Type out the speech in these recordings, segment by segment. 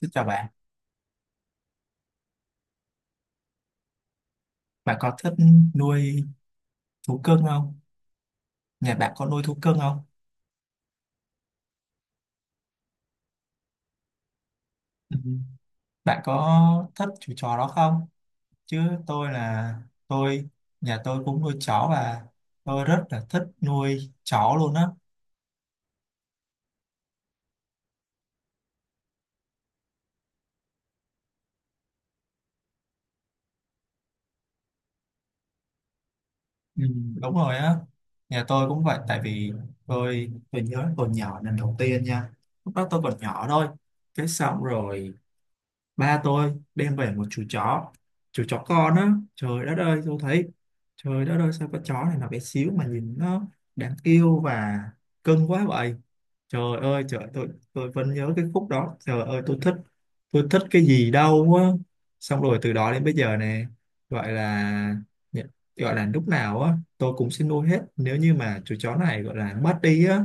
Xin chào bạn, bạn có thích nuôi thú cưng không? Nhà bạn có nuôi thú cưng không? Ừ. Bạn có thích chú chó đó không? Chứ tôi là tôi, nhà tôi cũng nuôi chó và tôi rất là thích nuôi chó luôn á. Ừ. Đúng rồi á, nhà tôi cũng vậy tại vì tôi nhớ tôi nhỏ lần đầu tiên nha. Lúc đó tôi còn nhỏ thôi. Cái xong rồi ba tôi đem về một chú chó con á. Trời đất ơi, tôi thấy trời đất ơi sao con chó này nó bé xíu mà nhìn nó đáng yêu và cưng quá vậy. Trời ơi, trời tôi vẫn nhớ cái khúc đó. Trời ơi, tôi thích cái gì đâu á. Xong rồi từ đó đến bây giờ nè, gọi là nhận- gọi là lúc nào á tôi cũng sẽ nuôi hết. Nếu như mà chú chó này gọi là mất đi á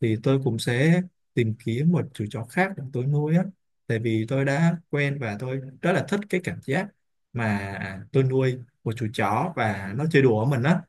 thì tôi cũng sẽ tìm kiếm một chú chó khác để tôi nuôi á. Tại vì tôi đã quen và tôi rất là thích cái cảm giác mà tôi nuôi một chú chó và nó chơi đùa với mình á.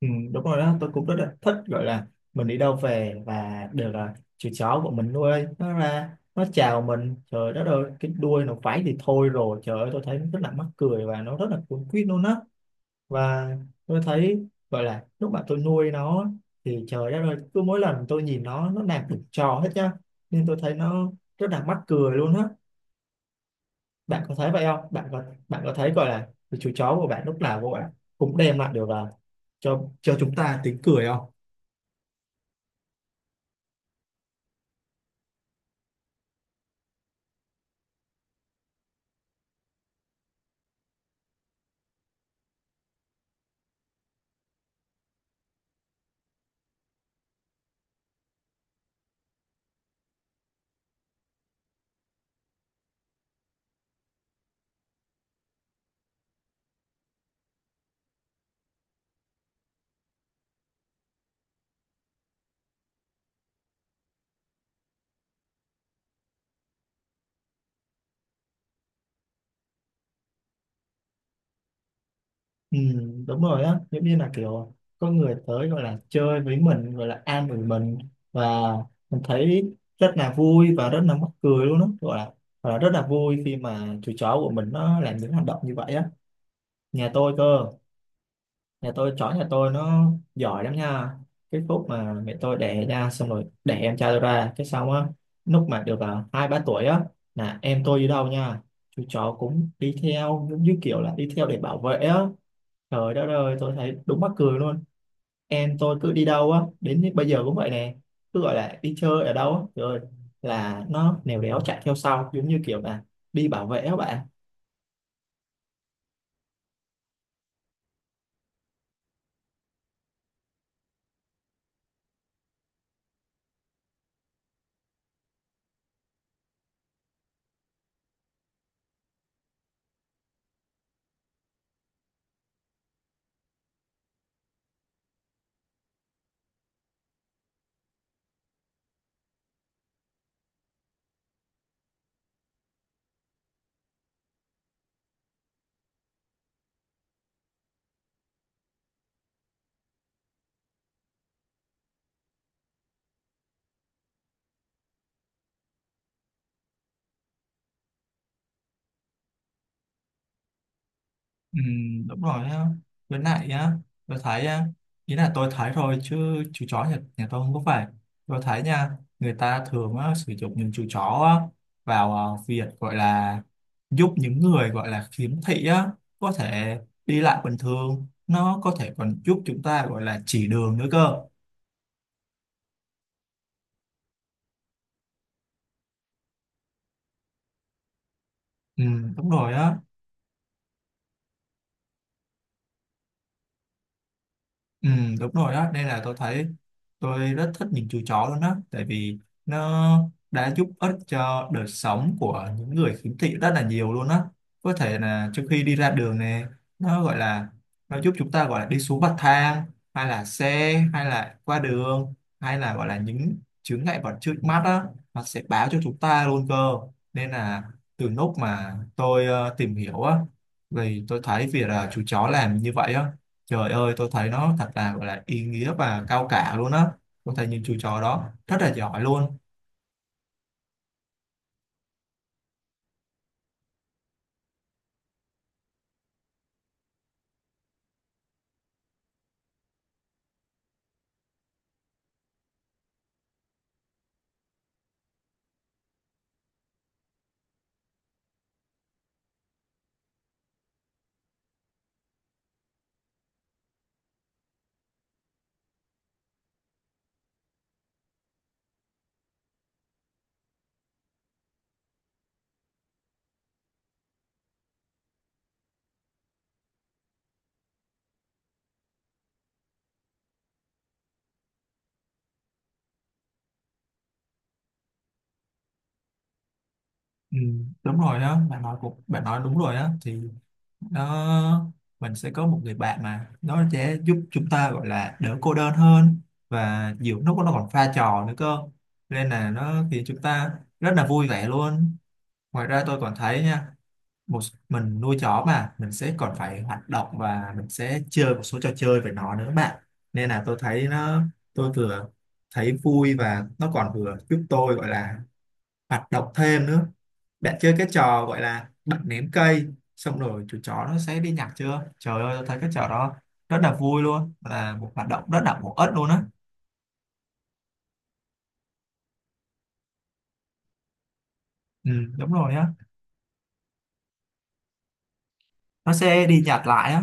Ừ, đúng rồi đó, tôi cũng rất là thích gọi là mình đi đâu về và đều là chú chó của mình nuôi nó ra nó chào mình, trời đất ơi cái đuôi nó vẫy thì thôi rồi, trời ơi tôi thấy nó rất là mắc cười và nó rất là cuốn quýt luôn á. Và tôi thấy gọi là lúc mà tôi nuôi nó thì trời đất ơi cứ mỗi lần tôi nhìn nó làm được trò hết nhá, nên tôi thấy nó rất là mắc cười luôn á. Bạn có thấy vậy không, bạn có thấy gọi là chú chó của bạn lúc nào của bạn cũng đem lại được là cho chúng ta tiếng cười không? Ừ, đúng rồi á, giống như là kiểu có người tới gọi là chơi với mình gọi là an ủi mình và mình thấy rất là vui và rất là mắc cười luôn á, gọi là rất là vui khi mà chú chó của mình nó làm những hành động như vậy á. nhà tôi cơ nhà tôi chó nhà tôi nó giỏi lắm nha, cái phút mà mẹ tôi đẻ ra xong rồi đẻ em trai tôi ra cái xong á, lúc mà được à, hai ba tuổi á, là em tôi đi đâu nha chú chó cũng đi theo giống như kiểu là đi theo để bảo vệ á. Trời đất ơi tôi thấy đúng mắc cười luôn. Em tôi cứ đi đâu á đến bây giờ cũng vậy nè, cứ gọi là đi chơi ở đâu á rồi là nó lèo đéo chạy theo sau giống như kiểu là đi bảo vệ á bạn. Ừ, đúng rồi á, với lại á tôi thấy á, ý là tôi thấy thôi chứ chú chó nhà tôi không có phải, tôi thấy nha người ta thường á, sử dụng những chú chó á, vào việc gọi là giúp những người gọi là khiếm thị á có thể đi lại bình thường, nó có thể còn giúp chúng ta gọi là chỉ đường nữa cơ. Ừ, đúng rồi á. Ừ, đúng rồi đó, nên là tôi thấy tôi rất thích những chú chó luôn đó, tại vì nó đã giúp ích cho đời sống của những người khiếm thị rất là nhiều luôn đó. Có thể là trước khi đi ra đường này, nó gọi là nó giúp chúng ta gọi là đi xuống bậc thang, hay là xe, hay là qua đường, hay là gọi là những chướng ngại vật trước mắt đó, nó sẽ báo cho chúng ta luôn cơ. Nên là từ lúc mà tôi tìm hiểu á, thì tôi thấy việc là chú chó làm như vậy á, trời ơi, tôi thấy nó thật là gọi là ý nghĩa và cao cả luôn á. Tôi thấy những chú chó đó rất là giỏi luôn. Ừ, đúng rồi đó, bạn nói đúng rồi đó, thì nó mình sẽ có một người bạn mà nó sẽ giúp chúng ta gọi là đỡ cô đơn hơn, và nhiều lúc nó còn pha trò nữa cơ. Nên là nó khiến chúng ta rất là vui vẻ luôn. Ngoài ra tôi còn thấy nha, một mình nuôi chó mà mình sẽ còn phải hoạt động và mình sẽ chơi một số trò chơi với nó nữa bạn, nên là tôi thấy nó, tôi vừa thấy vui và nó còn vừa giúp tôi gọi là hoạt động thêm nữa. Bạn chơi cái trò gọi là bạn ném cây xong rồi chú chó nó sẽ đi nhặt chưa, trời ơi tôi thấy cái trò đó rất là vui luôn, là một hoạt động rất là bổ ích luôn á. Ừ, đúng rồi á, nó sẽ đi nhặt lại á.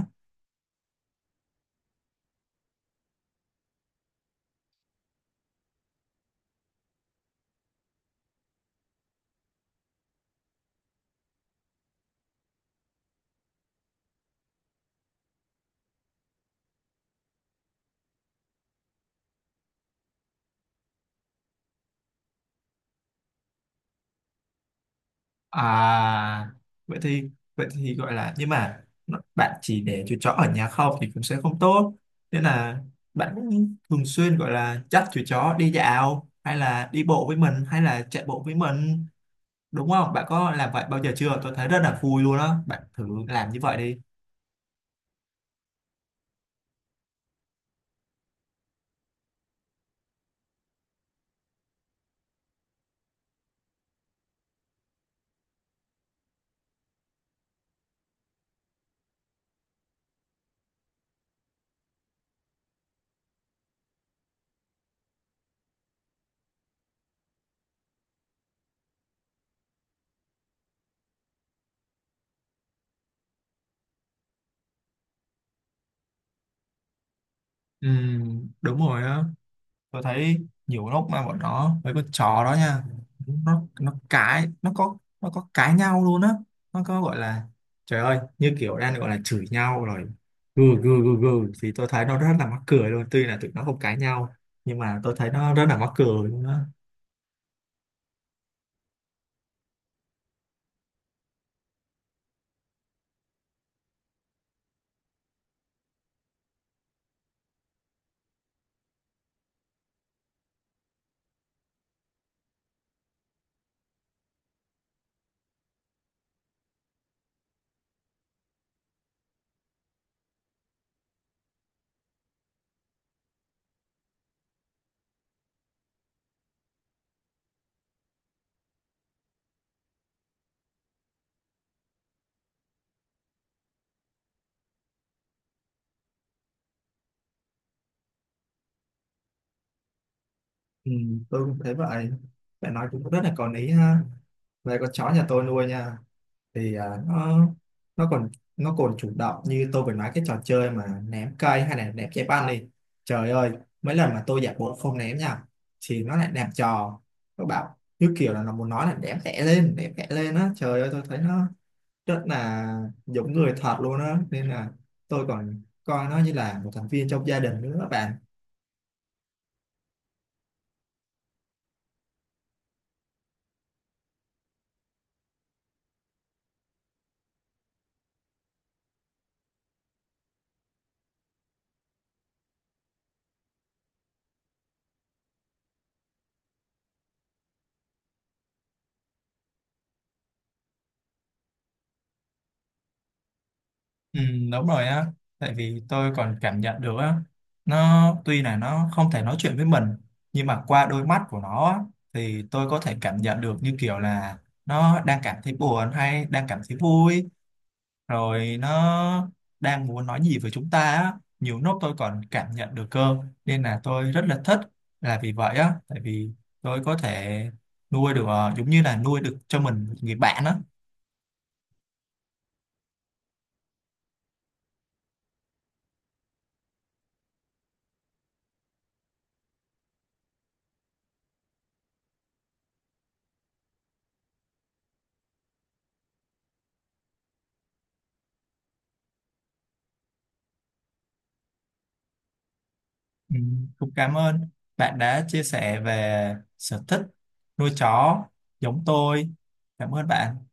À, vậy thì vậy thì gọi là nhưng mà bạn chỉ để chú chó ở nhà không thì cũng sẽ không tốt. Nên là bạn cũng thường xuyên gọi là dắt chú chó đi dạo hay là đi bộ với mình hay là chạy bộ với mình đúng không? Bạn có làm vậy bao giờ chưa? Tôi thấy rất là vui luôn á. Bạn thử làm như vậy đi. Ừ, đúng rồi á. Tôi thấy nhiều lúc mà bọn nó với con chó đó nha, nó có cãi nhau luôn á, nó có gọi là, trời ơi như kiểu đang gọi là chửi nhau rồi, gừ gừ gừ gừ, thì tôi thấy nó rất là mắc cười luôn, tuy là tụi nó không cãi nhau nhưng mà tôi thấy nó rất là mắc cười luôn á. Ừ, tôi cũng thấy vậy, phải nói cũng rất là có lý ha. Đây con chó nhà tôi nuôi nha, thì nó nó còn nó còn chủ động như tôi vừa nói cái trò chơi mà ném cây hay là ném trái banh đi, trời ơi mấy lần mà tôi giả bộ không ném nha thì nó lại ném trò, nó bảo như kiểu là nó muốn nói là ném tẻ lên á, trời ơi tôi thấy nó rất là giống người thật luôn á, nên là tôi còn coi nó như là một thành viên trong gia đình nữa bạn. Ừ, đúng rồi á, tại vì tôi còn cảm nhận được á, nó tuy là nó không thể nói chuyện với mình nhưng mà qua đôi mắt của nó á, thì tôi có thể cảm nhận được như kiểu là nó đang cảm thấy buồn hay đang cảm thấy vui, rồi nó đang muốn nói gì với chúng ta á, nhiều lúc tôi còn cảm nhận được cơ. Nên là tôi rất là thích là vì vậy á, tại vì tôi có thể nuôi được giống như là nuôi được cho mình một người bạn á. Ừ, cũng cảm ơn bạn đã chia sẻ về sở thích nuôi chó giống tôi. Cảm ơn bạn.